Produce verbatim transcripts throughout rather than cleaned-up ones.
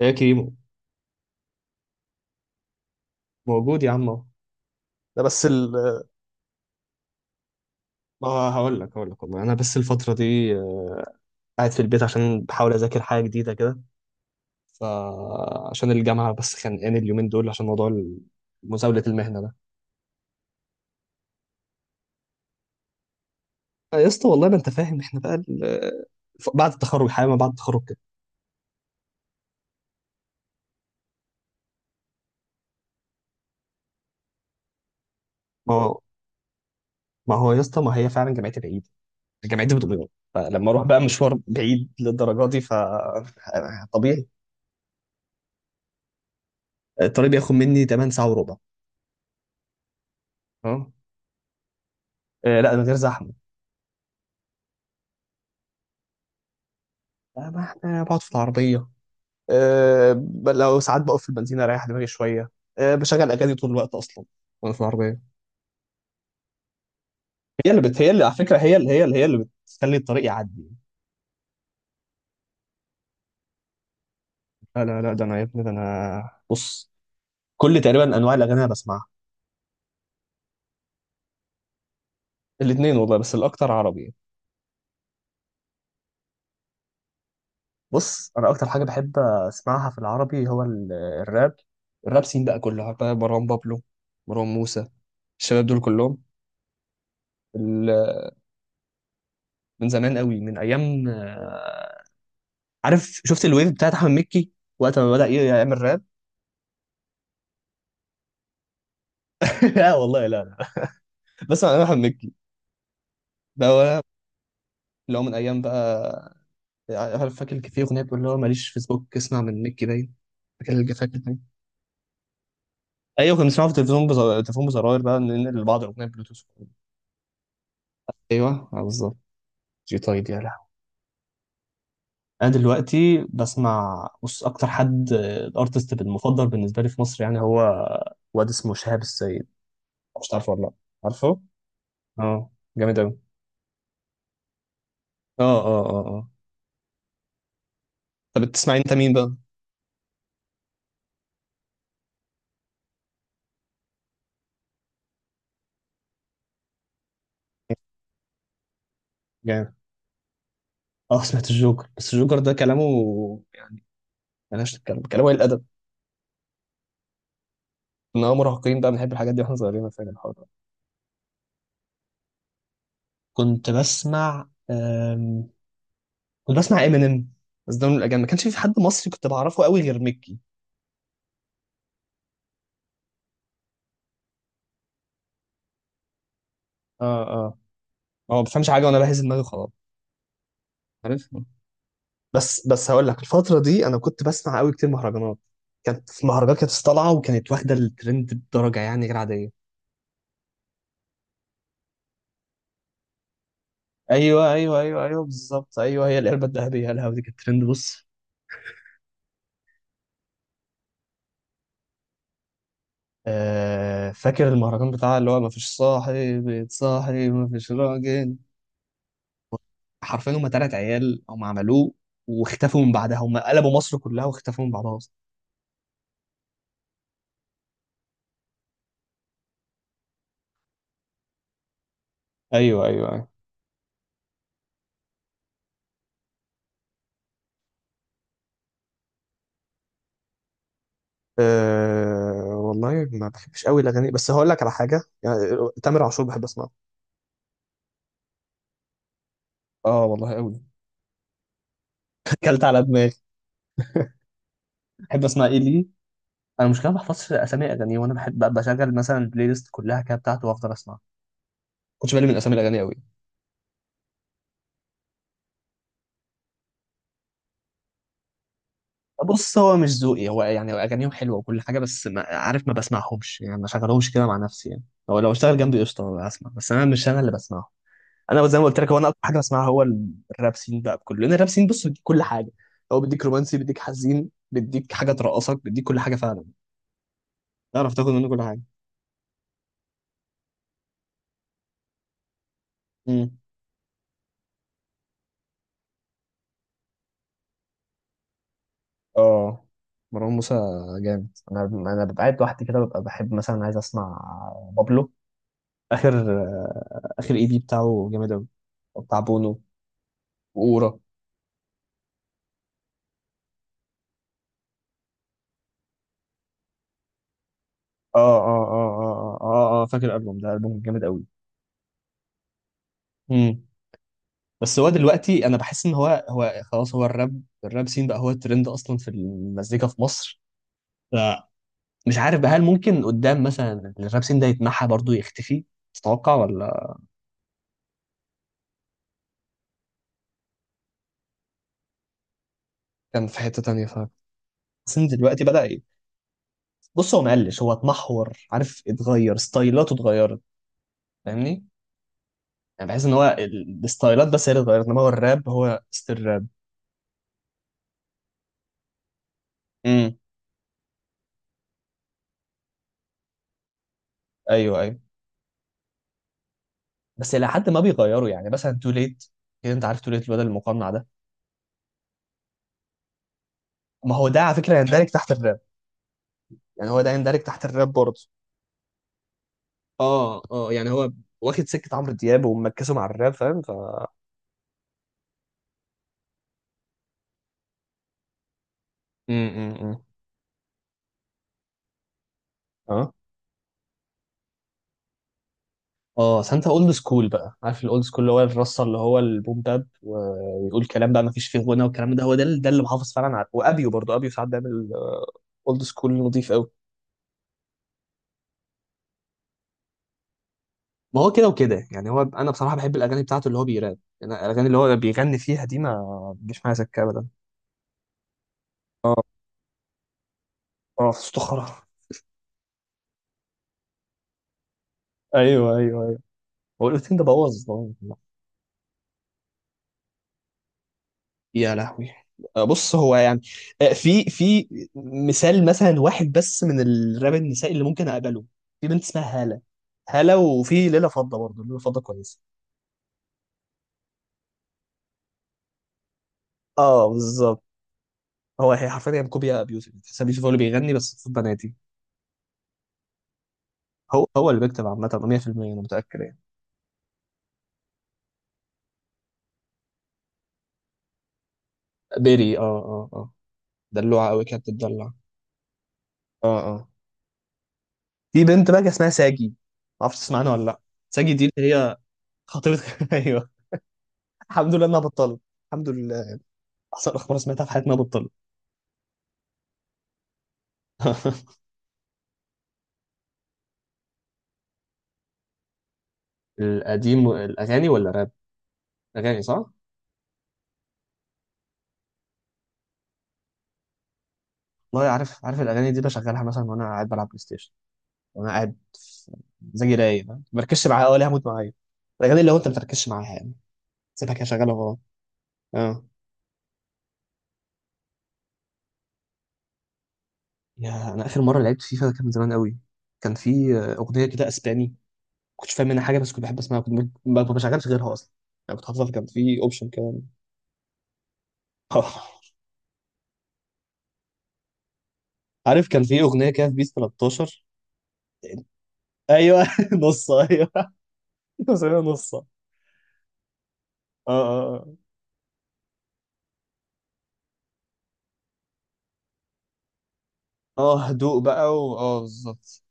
ايه يا كريمو. موجود يا عم اهو. ده بس ال ما هقول لك هقول لك والله، انا بس الفتره دي آه، قاعد في البيت عشان بحاول اذاكر حاجه جديده كده، فعشان الجامعه بس خانقاني اليومين دول عشان موضوع ال- مزاوله المهنه ده آه، يا اسطى والله ما انت فاهم احنا بقى ال- آه، ف- بعد التخرج، حاجه ما بعد التخرج كده. ما هو ما هو يا اسطى، ما هي فعلا جامعتي بعيد، جامعتي في دمياط، فلما اروح بقى مشوار بعيد للدرجه دي ف طبيعي. الطريق بياخد مني ثمن ساعه وربع. اه. آه، لا، من غير زحمه. آه، ما احنا بقعد في العربيه. أه، ب- لو ساعات بقف في البنزينة اريح دماغي شوية. أه، بشغل اغاني طول الوقت اصلا وانا في العربية. هي اللي بت... هي اللي، على فكرة، هي اللي هي اللي هي اللي بتخلي الطريق يعدي. لا لا لا، ده انا يا ابني، ده انا بص، كل تقريبا انواع الاغاني انا بسمعها. الاثنين والله، بس الاكتر عربي. بص، انا اكتر حاجة بحب اسمعها في العربي هو ال- الراب. الراب سين بقى، كله بقى مروان بابلو، مروان موسى، الشباب دول كلهم ال- من زمان قوي، من ايام آه، عارف، شفت الويف بتاعت احمد مكي وقت ما بدأ يعمل راب. لا والله، لا لا، بس انا احمد مكي ده هو اللي هو، من ايام بقى. عارف، فاكر كان في اغنيه بتقول اللي هو ماليش فيسبوك، اسمع من مكي باين. فاكر، اللي فاكر باين. ايوه، كنا بنسمعه في التلفزيون، بزر... التليفون بزراير بقى، ننقل لبعض الاغنيه بلوتوث. ايوه، آه، بالظبط. جي طيب، يا لهوي. انا دلوقتي بسمع، بص، اكتر حد آه، الارتست المفضل بالنسبه لي في مصر يعني هو واد اسمه شهاب السيد. مش عارفه ولا لا؟ عارفه. اه. جامد قوي. اه اه اه اه. طب بتسمعي انت مين بقى؟ اه، سمعت الجوكر، بس الجوكر ده كلامه ملهاش تتكلم، كلامه قليل الادب. ان هو مراهقين بقى، بنحب الحاجات دي واحنا صغيرين، فاهم الحوار ده. كنت بسمع أم... كنت بسمع امينيم، بس ده من الاجانب، ما كانش في حد مصري كنت بعرفه قوي غير ميكي. اه اه. هو ما بفهمش حاجه، وانا بهز دماغي خلاص. عارف، بس بس هقول لك، الفتره دي انا كنت بسمع قوي كتير مهرجانات. كانت في مهرجانات كانت طالعه وكانت واخده الترند بدرجه يعني غير عاديه. ايوه ايوه ايوه ايوه، بالظبط، ايوه، هي العلبه الذهبيه الهوا دي كانت ترند. بص، آه، فاكر المهرجان بتاع اللي هو مفيش صاحي بيتصاحي مفيش راجل. حرفيا هم تلات عيال هم عملوه واختفوا من بعدها، هم قلبوا مصر كلها واختفوا من بعدها اصلا. ايوه ايوه ايوه. أه والله، ما بحبش قوي الاغاني، بس هقول لك على حاجه يعني، تامر عاشور بحب اسمعه. اه والله، قوي. كلت على دماغي. بحب اسمع ايه ليه؟ انا مش كده، ما بحفظش اسامي اغاني، وانا بحب بشغل مثلا البلاي ليست كلها كده بتاعته وافضل اسمع. كنتش بالي من اسامي الاغاني قوي. بص، هو مش ذوقي، هو يعني اغانيهم حلوه وكل حاجه، بس ما عارف، ما بسمعهمش يعني، ما شغلهمش كده مع نفسي يعني. هو لو اشتغل جنبي قشطه هسمع، بس انا مش انا اللي بسمعه. انا زي ما قلت لك، هو انا اكتر حاجه بسمعها هو ال- الراب سين بقى بكله، لان الراب سين، بص، بيديك كل حاجه. هو بيديك رومانسي، بيديك حزين، بيديك حاجه ترقصك، بيديك كل حاجه فعلا. تعرف تاخد منه كل حاجه. امم اه، مروان موسى، جامد. انا انا ببقى قاعد لوحدي كده، ببقى بحب مثلا عايز اسمع بابلو. اخر آه، اخر اي بي بتاعه جامد قوي، بتاع بونو وأورا. اه اه اه اه اه اه، فاكر الالبوم ده، البوم جامد قوي. امم بس هو دلوقتي انا بحس ان هو هو خلاص، هو الراب، الراب سين بقى هو الترند اصلا في المزيكا في مصر. فمش عارف بقى، هل ممكن قدام مثلا الراب سين ده يتمحى برضه يختفي؟ تتوقع ولا؟ كان في حتة تانية، فاهم. بس إن دلوقتي بدأ ي- بص، هو مقلش، هو اتمحور، عارف، اتغير، ستايلاته اتغيرت، فاهمني؟ يعني بحس ان هو ال- الستايلات بس هي اللي اتغيرت، انما هو الراب هو ستيل راب. امم ايوه ايوه. بس الى حد ما بيغيروا يعني، مثلا تو ليت كده، انت عارف تو ليت الواد المقنع ده؟ ما هو ده على فكره يندرج تحت الراب، يعني هو ده يندرج تحت الراب برضه. اه اه، يعني هو واخد سكه عمرو دياب ومركزه مع الراب، فاهم، ف امم اه. اه سانتا، اولد سكول بقى، عارف الاولد سكول اللي هو الرصه، اللي هو البوم باب و- ويقول كلام بقى ما فيش فيه غنى، والكلام ده هو ده اللي- ده اللي محافظ فعلا على وابيو برضه. ابيو ساعات بيعمل اولد سكول نظيف قوي. ما هو كده وكده يعني، هو انا بصراحه بحب الاغاني بتاعته اللي هو بيراب، يعني الاغاني اللي هو بيغني فيها دي ما بتجيش معايا سكه ابدا. اه اه، استخرة. ايوه ايوه ايوه. هو الاوتيل ده بوظ طبعاً. يا لهوي، آه، بص هو يعني، آه، في في مثال مثلا، واحد بس من الراب النسائي اللي ممكن اقبله، في بنت اسمها هالة. هالة، وفي ليلة فضة برضه، ليلة فضة كويسة. اه، بالظبط. هو هي حرفيا هي كوبيا ابيوسف، تحس ابيوسف هو اللي بيغني بس صوت بناتي. هو هو اللي بيكتب عامة مية في المية، انا متأكد يعني. بيري، اه اه اه، دلوعة قوي، كانت بتدلع. اه اه. في بنت بقى اسمها ساجي، ما اعرفش، تسمع عنها ولا لا؟ ساجي دي اللي هي خطيبتك. ايوه. الحمد لله انها بطلت. الحمد لله، احسن اخبار سمعتها في حياتي انها بطلت. القديم الأغاني ولا راب؟ أغاني، صح؟ والله، عارف عارف، الاغاني دي بشغلها مثلا وانا قاعد بلعب بلاي ستيشن، وانا قاعد في- مزاجي رايق، ما بركزش معاها ولا هموت معايا، الاغاني اللي هو انت ما بتركزش معاها يعني. سيبها كده شغاله وخلاص. اه. يا انا اخر مره لعبت فيفا ده كان من زمان قوي. كان في آه، اغنيه كده اسباني، ما كنتش فاهم منها حاجه، بس كنت بحب اسمعها، كنت ب- ما بشغلش غيرها اصلا يعني. كنت حافظها، كان في اوبشن كده. اه، عارف، كان في اغنيه كده في بيس تلتاشر. ايوه، نص، ايوه. مسميها نص، اه. اه اه اه، هدوء بقى و... اه بالظبط.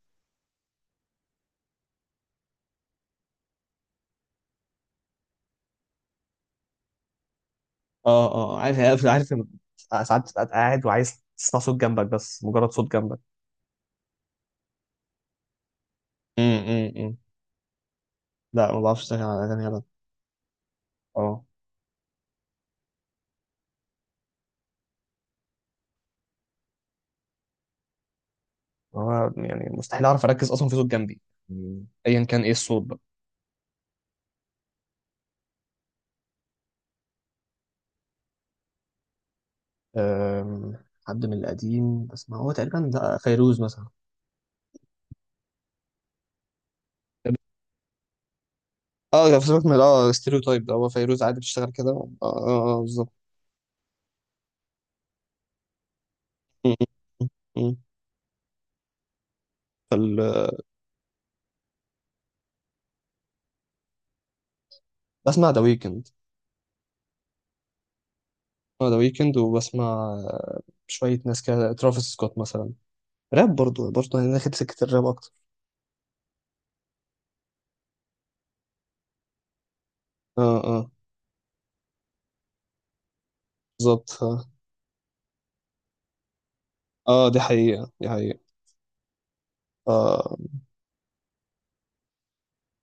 اه اه آه. عارف عارف عارف، لما ساعات تبقى قاعد وعايز تسمع صوت جنبك بس، مجرد صوت جنبك. امم لا، ما بعرفش اشتغل على اغاني ابدا. اه. هو يعني مستحيل اعرف اركز اصلا في صوت جنبي، مم. ايا كان ايه الصوت بقى. أم، حد من القديم، بس ما هو تقريبا ده فيروز مثلا. اه، ده سيبك من اه ستيريو تايب ده، هو فيروز عادي بتشتغل كده. اه اه، آه، بالظبط. م- م- م- فال... بسمع ذا ويكند. بسمع ذا ويكند، وبسمع آه، شوية ناس كده، ترافيس سكوت مثلا، راب برضو برضو، أنا داخل سكة الراب أكتر. اه اه، بالظبط، اه. آه، دي حقيقة، دي حقيقة. آه.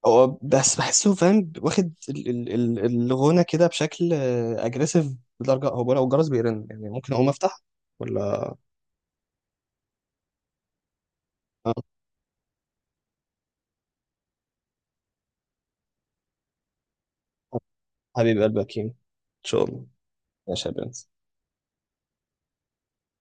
هو بس بحسه، فاهم، واخد ال- ال- ال- الغنى كده بشكل أجريسيف، بدرجة هو لو الجرس بيرن يعني ممكن أقوم أفتح ولا؟ آه، آه، حبيب قلبك يمين. إن شاء الله. يا شباب.